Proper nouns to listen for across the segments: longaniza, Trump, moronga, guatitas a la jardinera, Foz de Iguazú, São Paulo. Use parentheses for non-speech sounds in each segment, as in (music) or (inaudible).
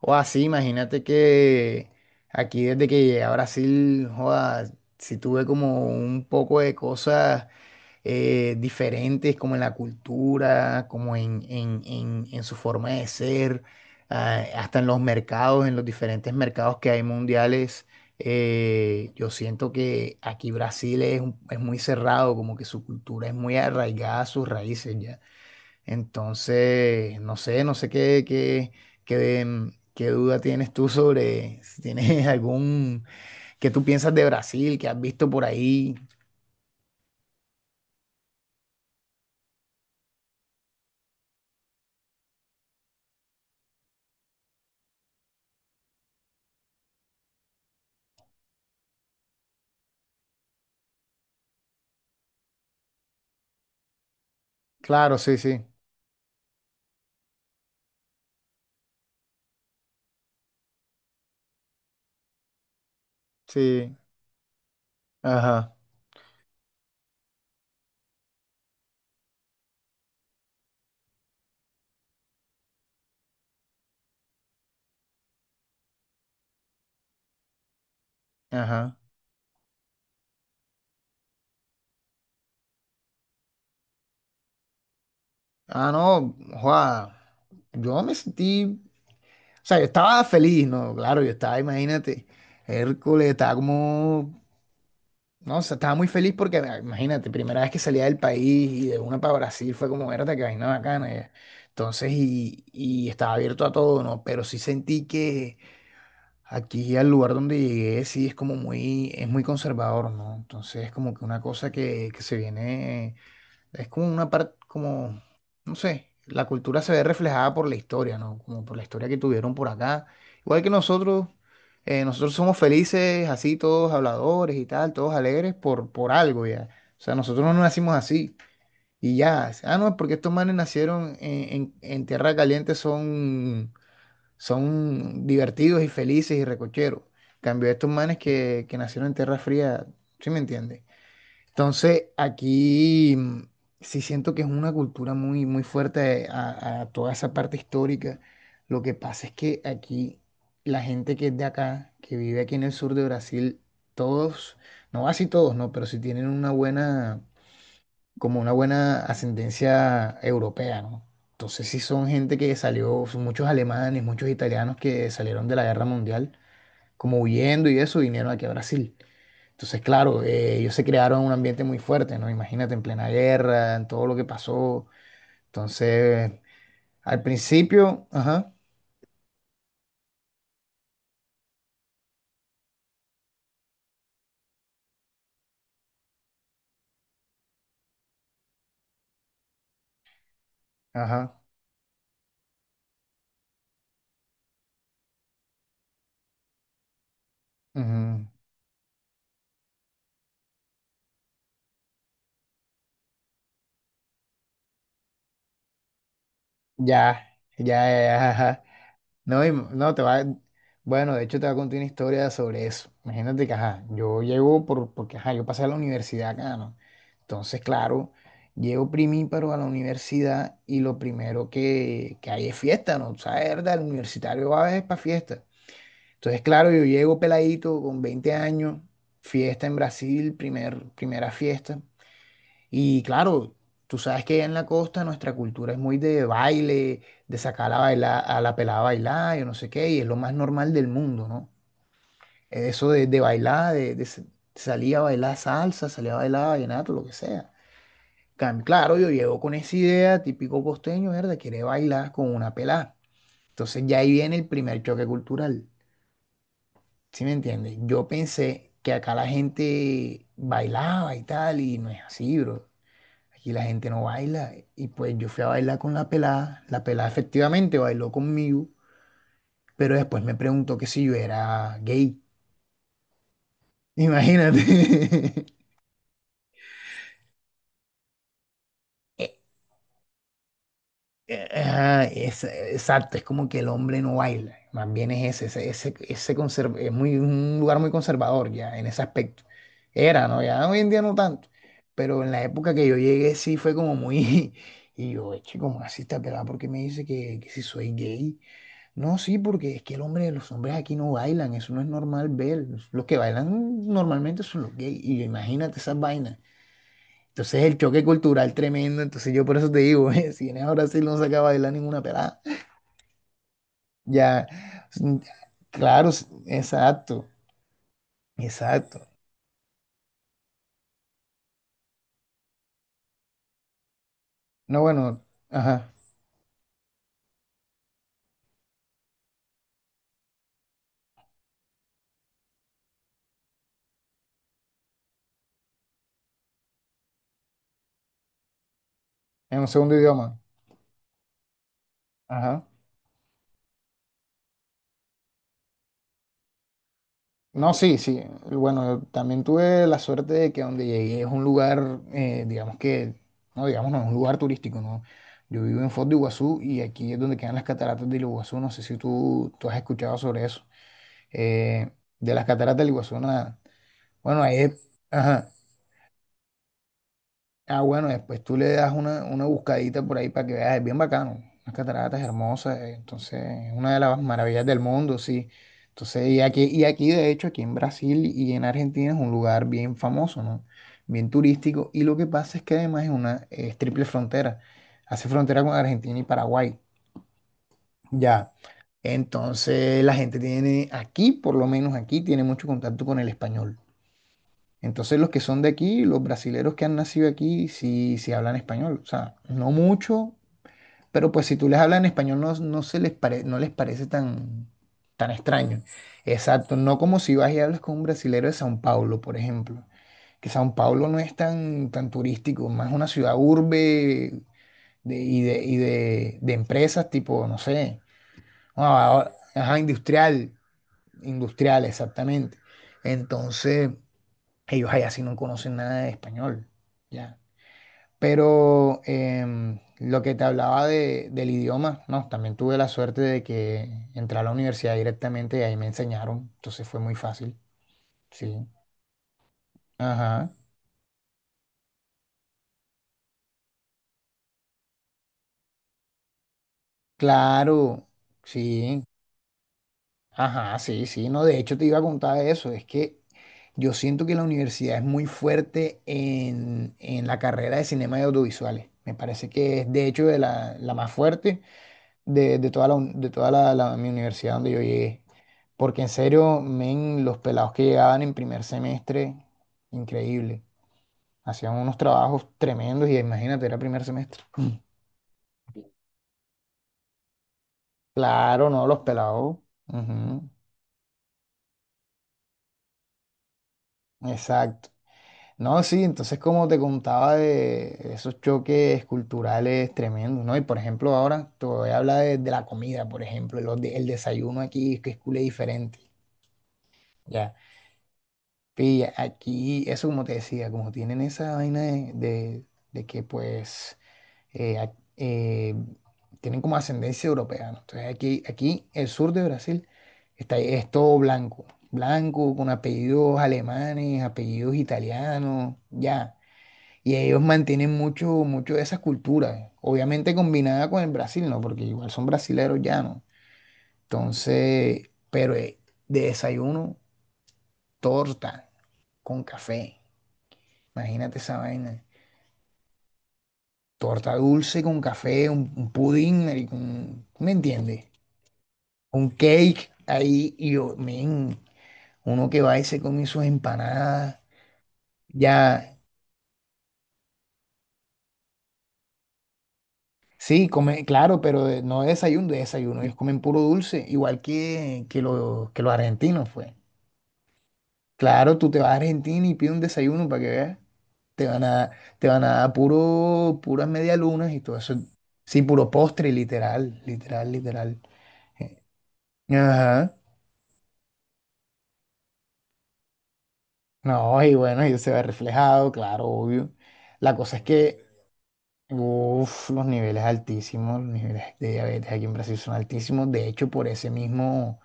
O así, imagínate que aquí desde que llegué a Brasil, joda, sí tuve como un poco de cosas diferentes, como en la cultura, como en su forma de ser, hasta en los mercados, en los diferentes mercados que hay mundiales. Yo siento que aquí Brasil es, es muy cerrado, como que su cultura es muy arraigada a sus raíces ya. Entonces, no sé qué duda tienes tú sobre si tienes (laughs) algún que tú piensas de Brasil, que has visto por ahí. Claro, sí, sí, sí. Ajá, ajá. Ah, no, Juan, yo me sentí, o sea, yo estaba feliz, ¿no? Claro, yo estaba, imagínate, Hércules, estaba como. No, o sea, estaba muy feliz porque, imagínate, primera vez que salía del país y de una para Brasil fue como, verdad, que vaina bacana. Entonces, y estaba abierto a todo, ¿no? Pero sí sentí que aquí al lugar donde llegué, sí es como muy, es muy conservador, ¿no? Entonces, es como que una cosa que se viene, es como una parte, como, no sé, la cultura se ve reflejada por la historia, ¿no? Como por la historia que tuvieron por acá. Igual que nosotros, nosotros somos felices, así todos habladores y tal, todos alegres por algo ya. O sea, nosotros no nacimos así y ya. Ah, no, es porque estos manes nacieron en tierra caliente, son, son divertidos y felices y recocheros. Cambio estos manes que nacieron en tierra fría, ¿sí me entiendes? Entonces, aquí sí siento que es una cultura muy, muy fuerte a toda esa parte histórica. Lo que pasa es que aquí la gente que es de acá, que vive aquí en el sur de Brasil, todos, no así todos, no, pero sí tienen una buena, como una buena ascendencia europea, ¿no? Entonces sí son gente que salió, son muchos alemanes, muchos italianos que salieron de la guerra mundial, como huyendo y eso, vinieron aquí a Brasil. Entonces, claro, ellos se crearon un ambiente muy fuerte, ¿no? Imagínate, en plena guerra, en todo lo que pasó. Entonces, al principio, ajá, ajá, ujú, ya, ya, ya, ajá. No, te va, bueno, de hecho te voy a contar una historia sobre eso. Imagínate que, ajá, yo llego porque, ajá, yo pasé a la universidad acá, ¿no? Entonces, claro, llego primíparo a la universidad y lo primero que hay es fiesta, ¿no? O sea, ¿verdad? El universitario va a veces para fiesta. Entonces, claro, yo llego peladito con 20 años, fiesta en Brasil, primera fiesta. Y claro, tú sabes que allá en la costa nuestra cultura es muy de baile, de sacar a, bailar, a la pelada a bailar, yo no sé qué, y es lo más normal del mundo, ¿no? Eso de bailar, salir a bailar salsa, salir a bailar vallenato, lo que sea. Claro, yo llego con esa idea, típico costeño, ¿verdad? Quiere bailar con una pelada. Entonces ya ahí viene el primer choque cultural. ¿Sí me entiendes? Yo pensé que acá la gente bailaba y tal, y no es así, bro. Aquí la gente no baila. Y pues yo fui a bailar con la pelada. La pelada efectivamente bailó conmigo, pero después me preguntó que si yo era gay. Imagínate. (laughs) E- ajá, exacto, es como que el hombre no baila, más bien es ese, ese es muy, un lugar muy conservador ya en ese aspecto. Era, ¿no? Ya hoy en día no tanto, pero en la época que yo llegué sí fue como muy... (laughs) Y yo, eche, como así está pelada? ¿Porque me dice que si soy gay? No, sí, porque es que los hombres aquí no bailan, eso no es normal ver. Los que bailan normalmente son los gays. Y imagínate esas vainas. Entonces el choque cultural tremendo, entonces yo por eso te digo, (laughs) si vienes a Brasil no saca a bailar ninguna pelada. Ya, mm, claro, exacto, exacto. No, bueno, ajá, en un segundo idioma, ajá. No, sí, sí, bueno, yo también tuve la suerte de que donde llegué es un lugar, digamos que, no, digamos, no, es un lugar turístico, ¿no? Yo vivo en Foz de Iguazú y aquí es donde quedan las cataratas del Iguazú, no sé si tú has escuchado sobre eso. Eh, de las cataratas del Iguazú, nada. Bueno, ajá. Ah, bueno, después tú le das una buscadita por ahí para que veas, es bien bacano. Las cataratas hermosas, entonces es una de las maravillas del mundo, sí. Entonces, y aquí, de hecho, aquí en Brasil y en Argentina es un lugar bien famoso, ¿no? Bien turístico. Y lo que pasa es que además es una, es triple frontera. Hace frontera con Argentina y Paraguay. Ya. Entonces, la gente tiene, aquí, por lo menos aquí, tiene mucho contacto con el español. Entonces los que son de aquí, los brasileros que han nacido aquí, sí, sí hablan español. O sea, no mucho, pero pues si tú les hablas en español no, no les parece tan, tan extraño. Exacto, no como si vas y hablas con un brasilero de São Paulo, por ejemplo. Que São Paulo no es tan, tan turístico, más una ciudad urbe de empresas tipo, no sé, ah, ajá, industrial, industrial, exactamente. Entonces ellos allá sí no conocen nada de español, ya. Pero lo que te hablaba del idioma, no, también tuve la suerte de que entré a la universidad directamente y ahí me enseñaron, entonces fue muy fácil, sí. Ajá, claro, sí, ajá, sí, sí, no, de hecho te iba a contar eso, es que yo siento que la universidad es muy fuerte en la carrera de cinema y audiovisuales, me parece que es de hecho de la, la más fuerte de toda de toda mi universidad donde yo llegué. Porque en serio, men, los pelados que llegaban en primer semestre, increíble. Hacían unos trabajos tremendos y imagínate, era primer semestre. Claro, no, los pelados. Ujú, exacto. No, sí, entonces como te contaba de esos choques culturales tremendos, ¿no? Y por ejemplo, ahora te voy a hablar de la comida, por ejemplo, el desayuno aquí, que es culé diferente. Ya. Y aquí, eso como te decía, como tienen esa vaina de que pues eh, a- eh, tienen como ascendencia europea, ¿no? Entonces aquí el sur de Brasil está, es todo blanco, blanco con apellidos alemanes, apellidos italianos, ya. Y ellos mantienen mucho, mucho de esa cultura, obviamente combinada con el Brasil, ¿no? Porque igual son brasileros ya, ¿no? Entonces, pero de desayuno, torta con café. Imagínate esa vaina. Torta dulce con café, un pudín, marico, ¿me entiendes? Un cake ahí y yo, men, uno que va y se come sus empanadas. Ya, sí, come, claro, pero no de desayuno, de desayuno. Ellos comen puro dulce, igual que los argentinos, fue. Claro, tú te vas a Argentina y pides un desayuno para que veas. Te van a, te van a dar puro, puras medialunas y todo eso. Sí, puro postre, literal, literal, literal. Eh, Ajá. No, y bueno, y se ve reflejado, claro, obvio. La cosa es que, uff, los niveles altísimos, los niveles de diabetes aquí en Brasil son altísimos, de hecho, por ese mismo,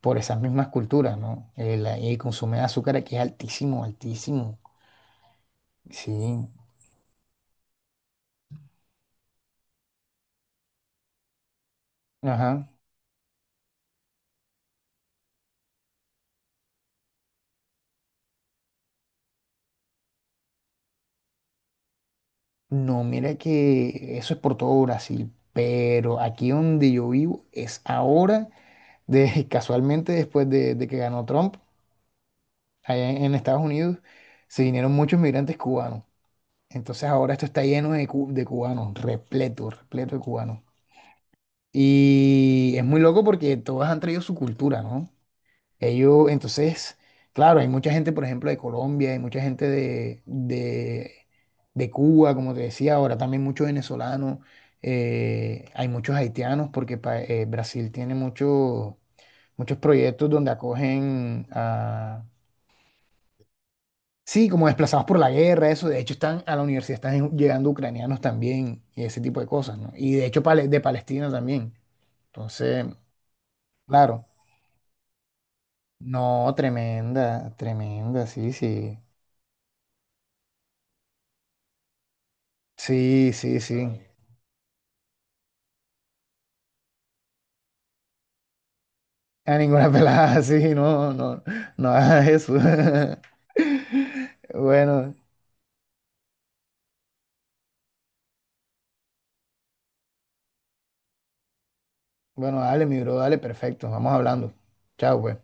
por esas mismas culturas, ¿no? El consumo de azúcar aquí es altísimo, altísimo. Sí, ajá. No, mira que eso es por todo Brasil, pero aquí donde yo vivo es ahora, de, (laughs) casualmente después de que ganó Trump, allá en Estados Unidos, se vinieron muchos migrantes cubanos. Entonces ahora esto está lleno de cubanos, repleto, repleto de cubanos. Y es muy loco porque todos han traído su cultura, ¿no? Ellos, entonces, claro, hay mucha gente, por ejemplo, de Colombia, hay mucha gente de Cuba, como te decía, ahora también muchos venezolanos, hay muchos haitianos porque Brasil tiene muchos proyectos donde acogen a. Sí, como desplazados por la guerra, eso. De hecho, están a la universidad, están llegando ucranianos también y ese tipo de cosas, ¿no? Y de hecho, de Palestina también. Entonces, claro. No, tremenda, tremenda, sí, sí. Sí, sí, sí. A ninguna pelada, (laughs) sí, no, no, no hagas eso. (laughs) Bueno, bueno, dale, mi bro, dale, perfecto. Vamos hablando. Chao, pues.